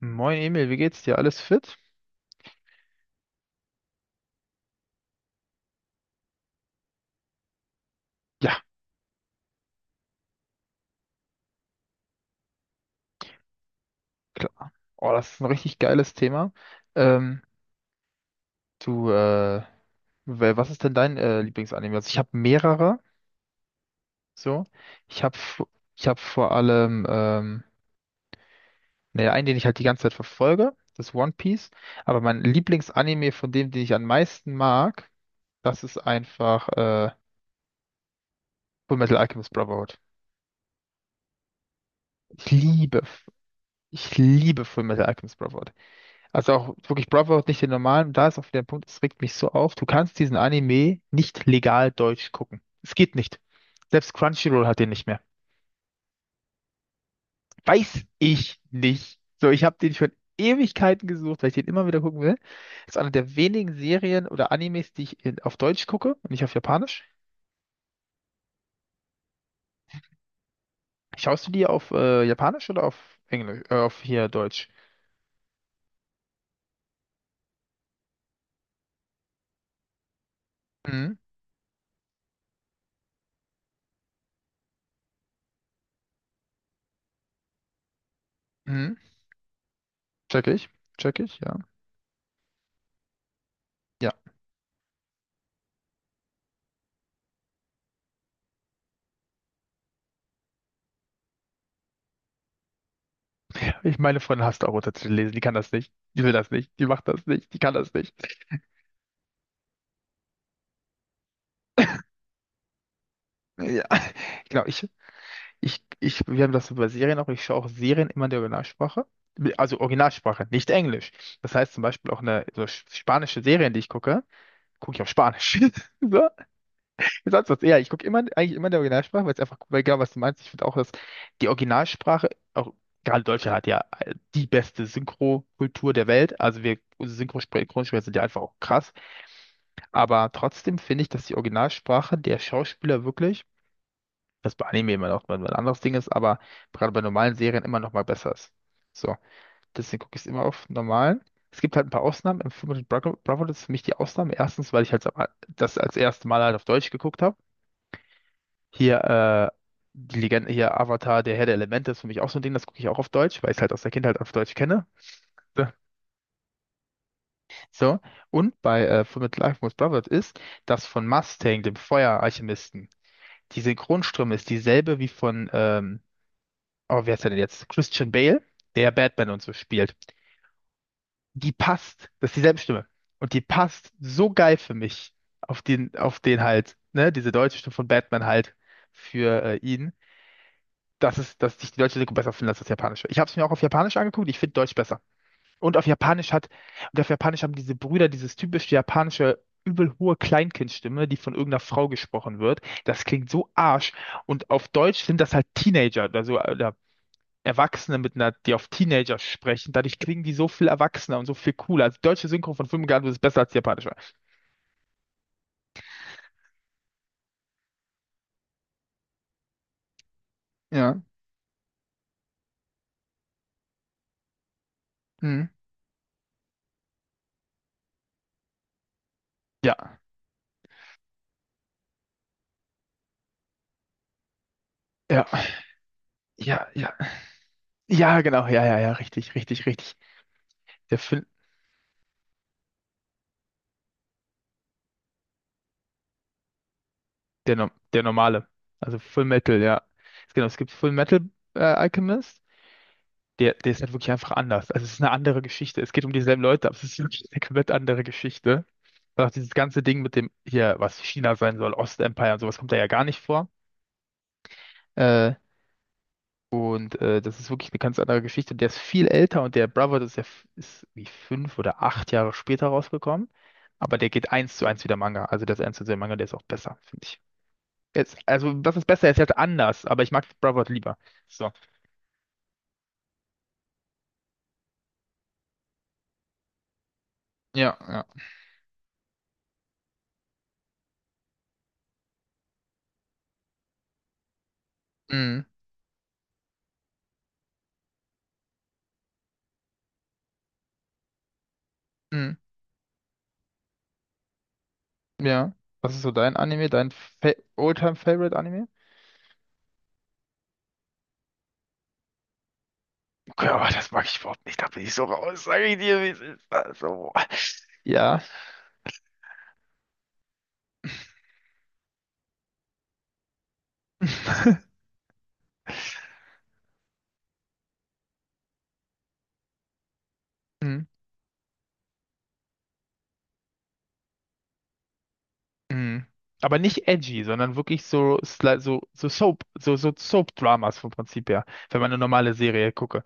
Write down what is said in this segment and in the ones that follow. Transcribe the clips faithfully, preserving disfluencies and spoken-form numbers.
Moin Emil, wie geht's dir? Alles fit? Ja, klar. Oh, das ist ein richtig geiles Thema. Ähm, du, äh, wer- was ist denn dein äh, Lieblingsanime? Also ich habe mehrere, so. Ich habe ich hab vor allem, ähm, naja, einen, den ich halt die ganze Zeit verfolge, das ist One Piece. Aber mein Lieblingsanime von dem, den ich am meisten mag, das ist einfach äh, Fullmetal Alchemist Brotherhood. Ich liebe, ich liebe Fullmetal Alchemist Brotherhood. Also auch wirklich Brotherhood, nicht den normalen. Da ist auch wieder ein Punkt, es regt mich so auf. Du kannst diesen Anime nicht legal deutsch gucken. Es geht nicht. Selbst Crunchyroll hat den nicht mehr. Weiß ich nicht. So, ich habe den schon Ewigkeiten gesucht, weil ich den immer wieder gucken will. Ist eine der wenigen Serien oder Animes, die ich in, auf Deutsch gucke und nicht auf Japanisch. Schaust du die auf äh, Japanisch oder auf Englisch? Äh, auf hier Deutsch? Mhm. Mhm. Check ich. Check ich, ja. Ja. Ich meine Freundin hasst auch Untertitel lesen. Die kann das nicht. Die will das nicht. Die macht das nicht. Die kann das nicht. Ja, genau. Ich, ich, ich, wir haben das über Serien auch. Ich schaue auch Serien immer in der Originalsprache. Also Originalsprache, nicht Englisch. Das heißt zum Beispiel auch eine so sch- spanische Serien, die ich gucke, gucke ich auf Spanisch. So, wie sonst was. Ja, ich gucke immer, eigentlich immer in der Originalsprache, weil es einfach, weil genau was du meinst. Ich finde auch, dass die Originalsprache, auch gerade Deutschland hat ja die beste Synchro-Kultur der Welt. Also wir, unsere Synchro- Synchronsprecher sind ja einfach auch krass. Aber trotzdem finde ich, dass die Originalsprache der Schauspieler wirklich, das bei Anime immer noch mal ein anderes Ding ist, aber gerade bei normalen Serien immer noch mal besser ist. So, deswegen gucke ich es immer auf normalen. Es gibt halt ein paar Ausnahmen. Im Film mit Bravo, Bravo, das ist für mich die Ausnahme. Erstens, weil ich halt das als erstes Mal halt auf Deutsch geguckt habe. Hier, äh, die Legende, hier Avatar, der Herr der Elemente ist für mich auch so ein Ding, das gucke ich auch auf Deutsch, weil ich es halt aus der Kindheit auf Deutsch kenne. So, und bei äh, Full Metal Alchemist Brotherhood ist das von Mustang, dem Feueralchemisten. Die Synchronstimme ist dieselbe wie von, ähm, oh, wer ist der denn jetzt? Christian Bale, der Batman und so spielt. Die passt, das ist dieselbe Stimme. Und die passt so geil für mich auf den, auf den halt, ne, diese deutsche Stimme von Batman halt für äh, ihn, dass es, dass ich die deutsche Synchro besser finde als das japanische. Ich habe es mir auch auf Japanisch angeguckt, ich finde Deutsch besser. Und auf Japanisch hat, und auf Japanisch haben diese Brüder dieses typische japanische übel hohe Kleinkindstimme, die von irgendeiner Frau gesprochen wird. Das klingt so Arsch. Und auf Deutsch sind das halt Teenager, also äh, oder Erwachsene mit einer, die auf Teenager sprechen. Dadurch klingen die so viel erwachsener und so viel cooler. Also die deutsche Synchro von fünfundzwanzig ist besser als die japanische. Ja. Mhm. Ja, ja, ja, ja. Ja, genau, ja, ja, ja, richtig, richtig, richtig. Der Film, der, no- der normale. Also Full Metal, ja. Genau, es gibt Full Metal äh, Alchemist. Der, der ist halt wirklich einfach anders. Also es ist eine andere Geschichte. Es geht um dieselben Leute, aber es ist wirklich eine komplett andere Geschichte. Und auch dieses ganze Ding mit dem hier, was China sein soll, Ostempire und sowas kommt da ja gar nicht vor. Äh, und äh, das ist wirklich eine ganz andere Geschichte. Der ist viel älter und der Brother das ist ja f- ist wie fünf oder acht Jahre später rausgekommen. Aber der geht eins zu eins wie der Manga. Also das eins zu eins der Manga, der ist auch besser, finde ich. Jetzt, also was ist besser? Er ist halt anders, aber ich mag Brother lieber. So. Ja, ja. Mm, mm. Ja. Was ist so dein Anime, dein Fa all favorite anime. Okay, aber das mag ich überhaupt nicht. Da bin ich so raus. Sag ich dir, wie es ist. Also, boah. Ja. Mhm. Mhm. Aber nicht edgy, sondern wirklich so, sli- so, so Soap, so, so Soap-Dramas vom Prinzip her. Wenn man eine normale Serie gucke.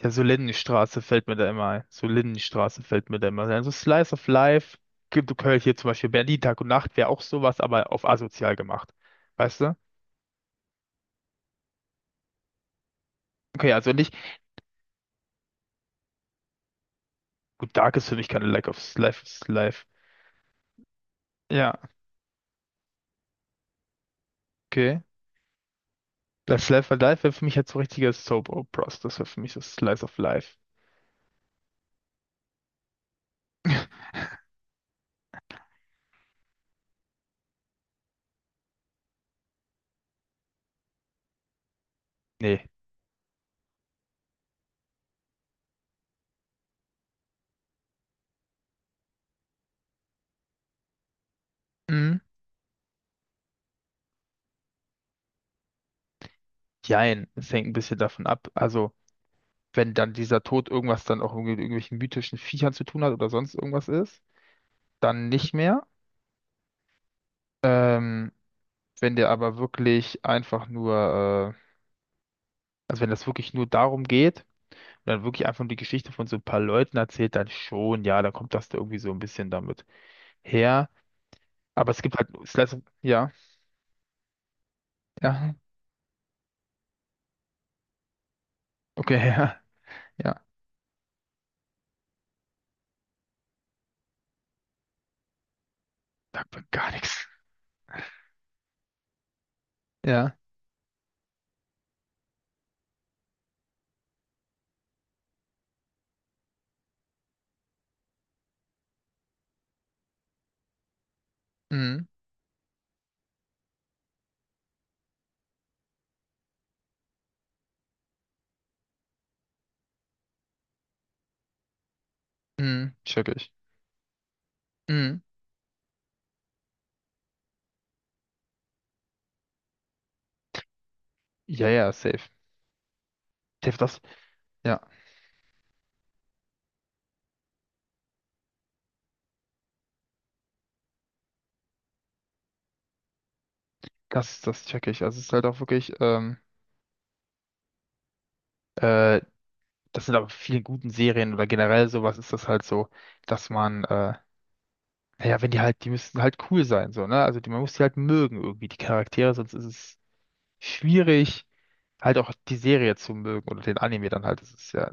Ja, so Lindenstraße fällt mir da immer ein. So Lindenstraße fällt mir da immer ein. So Slice of Life. Gibt du Köln hier zum Beispiel Berlin Tag und Nacht wäre auch sowas, aber auf asozial gemacht. Weißt du? Okay, also nicht. Gut, Dark ist für mich keine Lack of Life is Life. Ja, okay. Life, Life, or Life wäre für mich halt so richtiger Soap Operas. Das wäre für mich das Slice of Life. Nee. Mhm. Jein, es hängt ein bisschen davon ab. Also, wenn dann dieser Tod irgendwas dann auch irgendwie mit irgendwelchen mythischen Viechern zu tun hat oder sonst irgendwas ist, dann nicht mehr. Ähm, wenn der aber wirklich einfach nur, äh, also wenn das wirklich nur darum geht und dann wirklich einfach nur die Geschichte von so ein paar Leuten erzählt, dann schon, ja, dann kommt das da irgendwie so ein bisschen damit her. Aber es gibt halt Slice of, ja, ja, okay, ja, ja, sagt mir gar nichts. Ja, mhm, mhm, check ich. Mhm. Ja, ja, safe. Safe, das, ja, das, das check ich. Also es ist halt auch wirklich, ähm, äh, das sind aber viele guten Serien oder generell sowas ist das halt so, dass man, äh, naja, wenn die halt, die müssen halt cool sein, so, ne? Also die, man muss die halt mögen irgendwie, die Charaktere, sonst ist es schwierig, halt auch die Serie zu mögen oder den Anime dann halt. Das ist ja,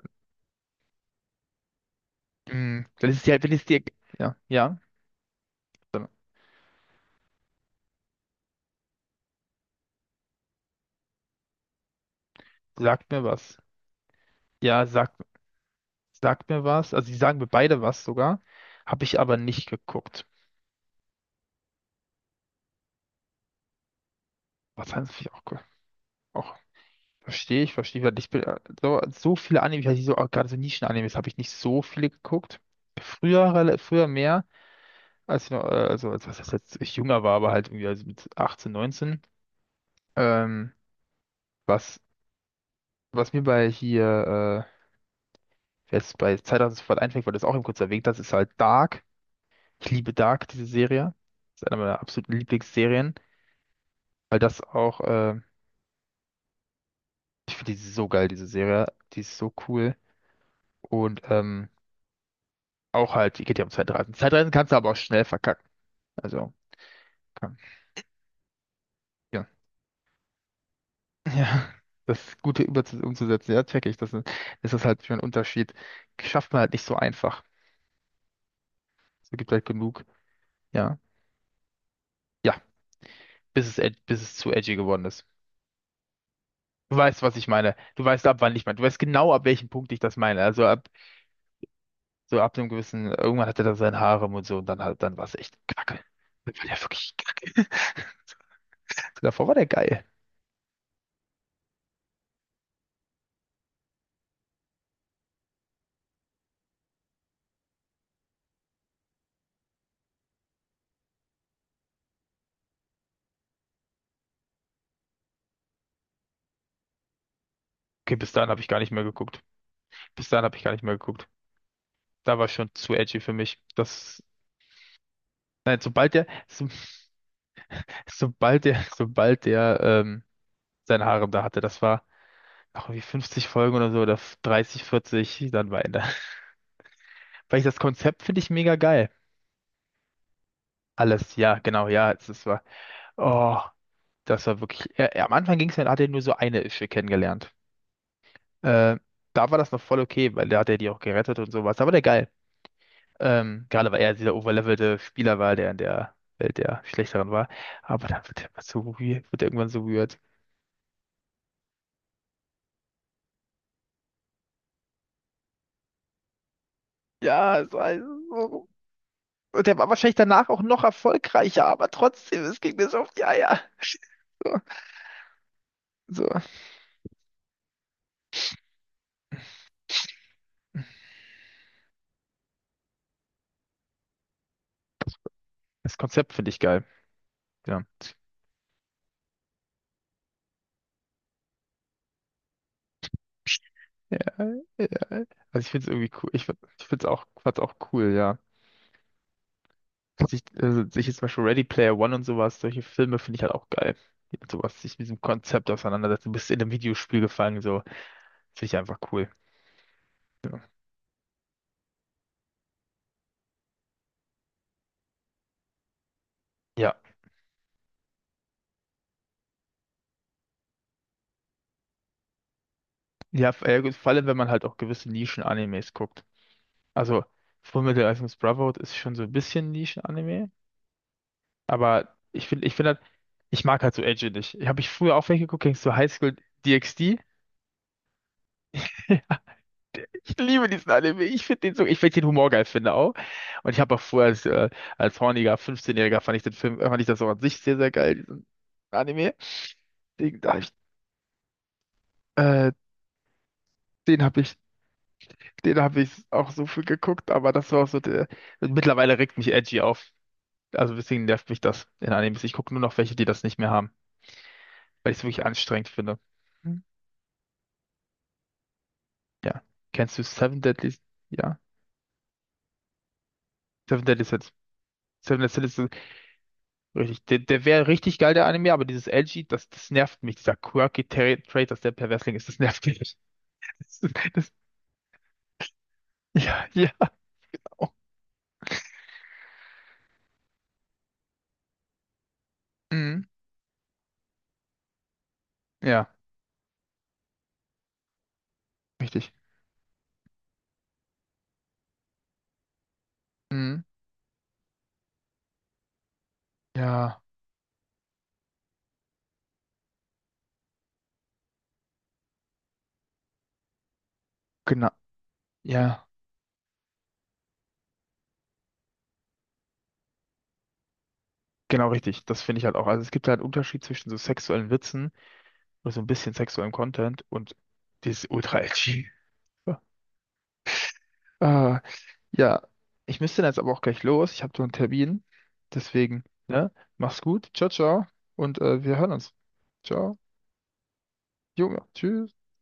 mhm, wenn es dir, wenn es dir, ja, ja. Sagt mir was. Ja, sagt, sagt mir was. Also, die sagen mir beide was sogar. Habe ich aber nicht geguckt. Was haben sie auch, ge- auch verstehe ich, verstehe ich, weil ich bin, äh, so, so viele Anime, ich hatte so, auch gerade so Nischen-Animes, habe ich nicht so viele geguckt. Früher, rela- früher mehr, als ich noch, äh, also, als was heißt jetzt, ich jünger war, aber halt irgendwie also mit achtzehn, neunzehn. Ähm, was, was mir bei hier, äh, jetzt bei Zeitreise sofort einfällt, weil du es auch eben kurz erwähnt hast, ist halt Dark. Ich liebe Dark, diese Serie. Das ist eine meiner absoluten Lieblingsserien. Weil das auch, äh, ich finde die so geil, diese Serie. Die ist so cool. Und ähm, auch halt, die geht ja um Zeitreisen. Zeitreisen kannst du aber auch schnell verkacken. Also, kann, ja. Ja, das Gute über umzusetzen, ja, check ich. Das ist, das ist halt schon ein Unterschied. Schafft man halt nicht so einfach. Es gibt halt genug, ja. Ja, bis es, ed- bis es zu edgy geworden ist. Du weißt, was ich meine. Du weißt, ab wann ich meine. Du weißt genau, ab welchem Punkt ich das meine. Also ab, so ab einem gewissen, irgendwann hatte er da sein Harem und so und dann halt, dann war es echt Kacke. Das war ja wirklich. Davor war der geil. Okay, bis dahin habe ich gar nicht mehr geguckt. Bis dahin habe ich gar nicht mehr geguckt. Da war schon zu edgy für mich. Das, nein, sobald der, so, sobald der, sobald der, ähm, sein Harem da hatte, das war noch irgendwie fünfzig Folgen oder so, oder dreißig, vierzig, dann war Ende. Weil ich das Konzept finde ich mega geil. Alles, ja, genau, ja, es, es war, oh, das war wirklich, ja, ja, am Anfang ging es ja, da hat er nur so eine Ische kennengelernt. Äh, Da war das noch voll okay, weil da hat er die auch gerettet und sowas. Da war der geil. Ähm, gerade weil er dieser overlevelte Spieler war, der in der Welt der Schlechteren war. Aber dann wird er immer so weird, wird er irgendwann so weird. Ja, es war so. Und der war wahrscheinlich danach auch noch erfolgreicher, aber trotzdem, es ging mir so auf die Eier. So. Das Konzept finde ich geil. Ja. Ja, ja. Also ich finde es irgendwie cool. Ich, find- ich finde es auch, fand's auch cool, ja. Sich, also sich jetzt zum Beispiel Ready Player One und sowas, solche Filme finde ich halt auch geil. Die Mit sowas, sich mit diesem Konzept auseinandersetzen. Du bist in einem Videospiel gefangen, so. Finde ich einfach cool. Ja, ja. Ja, f- ja, gut, vor allem, wenn man halt auch gewisse Nischen-Animes guckt. Also, Fullmetal Alchemist Brotherhood ist schon so ein bisschen Nischen-Anime, aber ich finde, ich finde halt, ich mag halt so Edgy nicht. Habe ich früher auch welche geguckt, kennst du High School DxD? Ich liebe diesen Anime. Ich finde den so, ich finde den Humor geil, finde auch. Und ich habe auch früher als, äh, als horniger fünfzehnjähriger-Jähriger fand ich den Film, fand ich das auch an sich sehr, sehr geil, diesen Anime. Den, da hab ich, äh, den habe ich Den habe ich auch so viel geguckt, aber das war auch so der. Mittlerweile regt mich Edgy auf. Also deswegen nervt mich das in Animes. Ich gucke nur noch welche, die das nicht mehr haben, weil ich es wirklich anstrengend finde. Hm. Ja. Kennst du Seven Deadly? Ja. Seven Deadly Sins. Seven Deadly Sins ist so richtig. Der, der wäre richtig geil, der Anime, aber dieses Edgy, das, das nervt mich. Dieser quirky Tra- Trait, dass der Perversling ist, das nervt mich. Das, das, ja, ja. Oh. Mhm. Ja, richtig. Mhm. Ja, genau. Ja. Genau richtig, das finde ich halt auch. Also es gibt halt einen Unterschied zwischen so sexuellen Witzen oder so ein bisschen sexuellem Content und dieses Ultra-Edgy. Ah, ja, ich müsste dann jetzt aber auch gleich los. Ich habe so einen Termin. Deswegen, ne? Mach's gut. Ciao, ciao. Und äh, wir hören uns. Ciao. Junge, tschüss.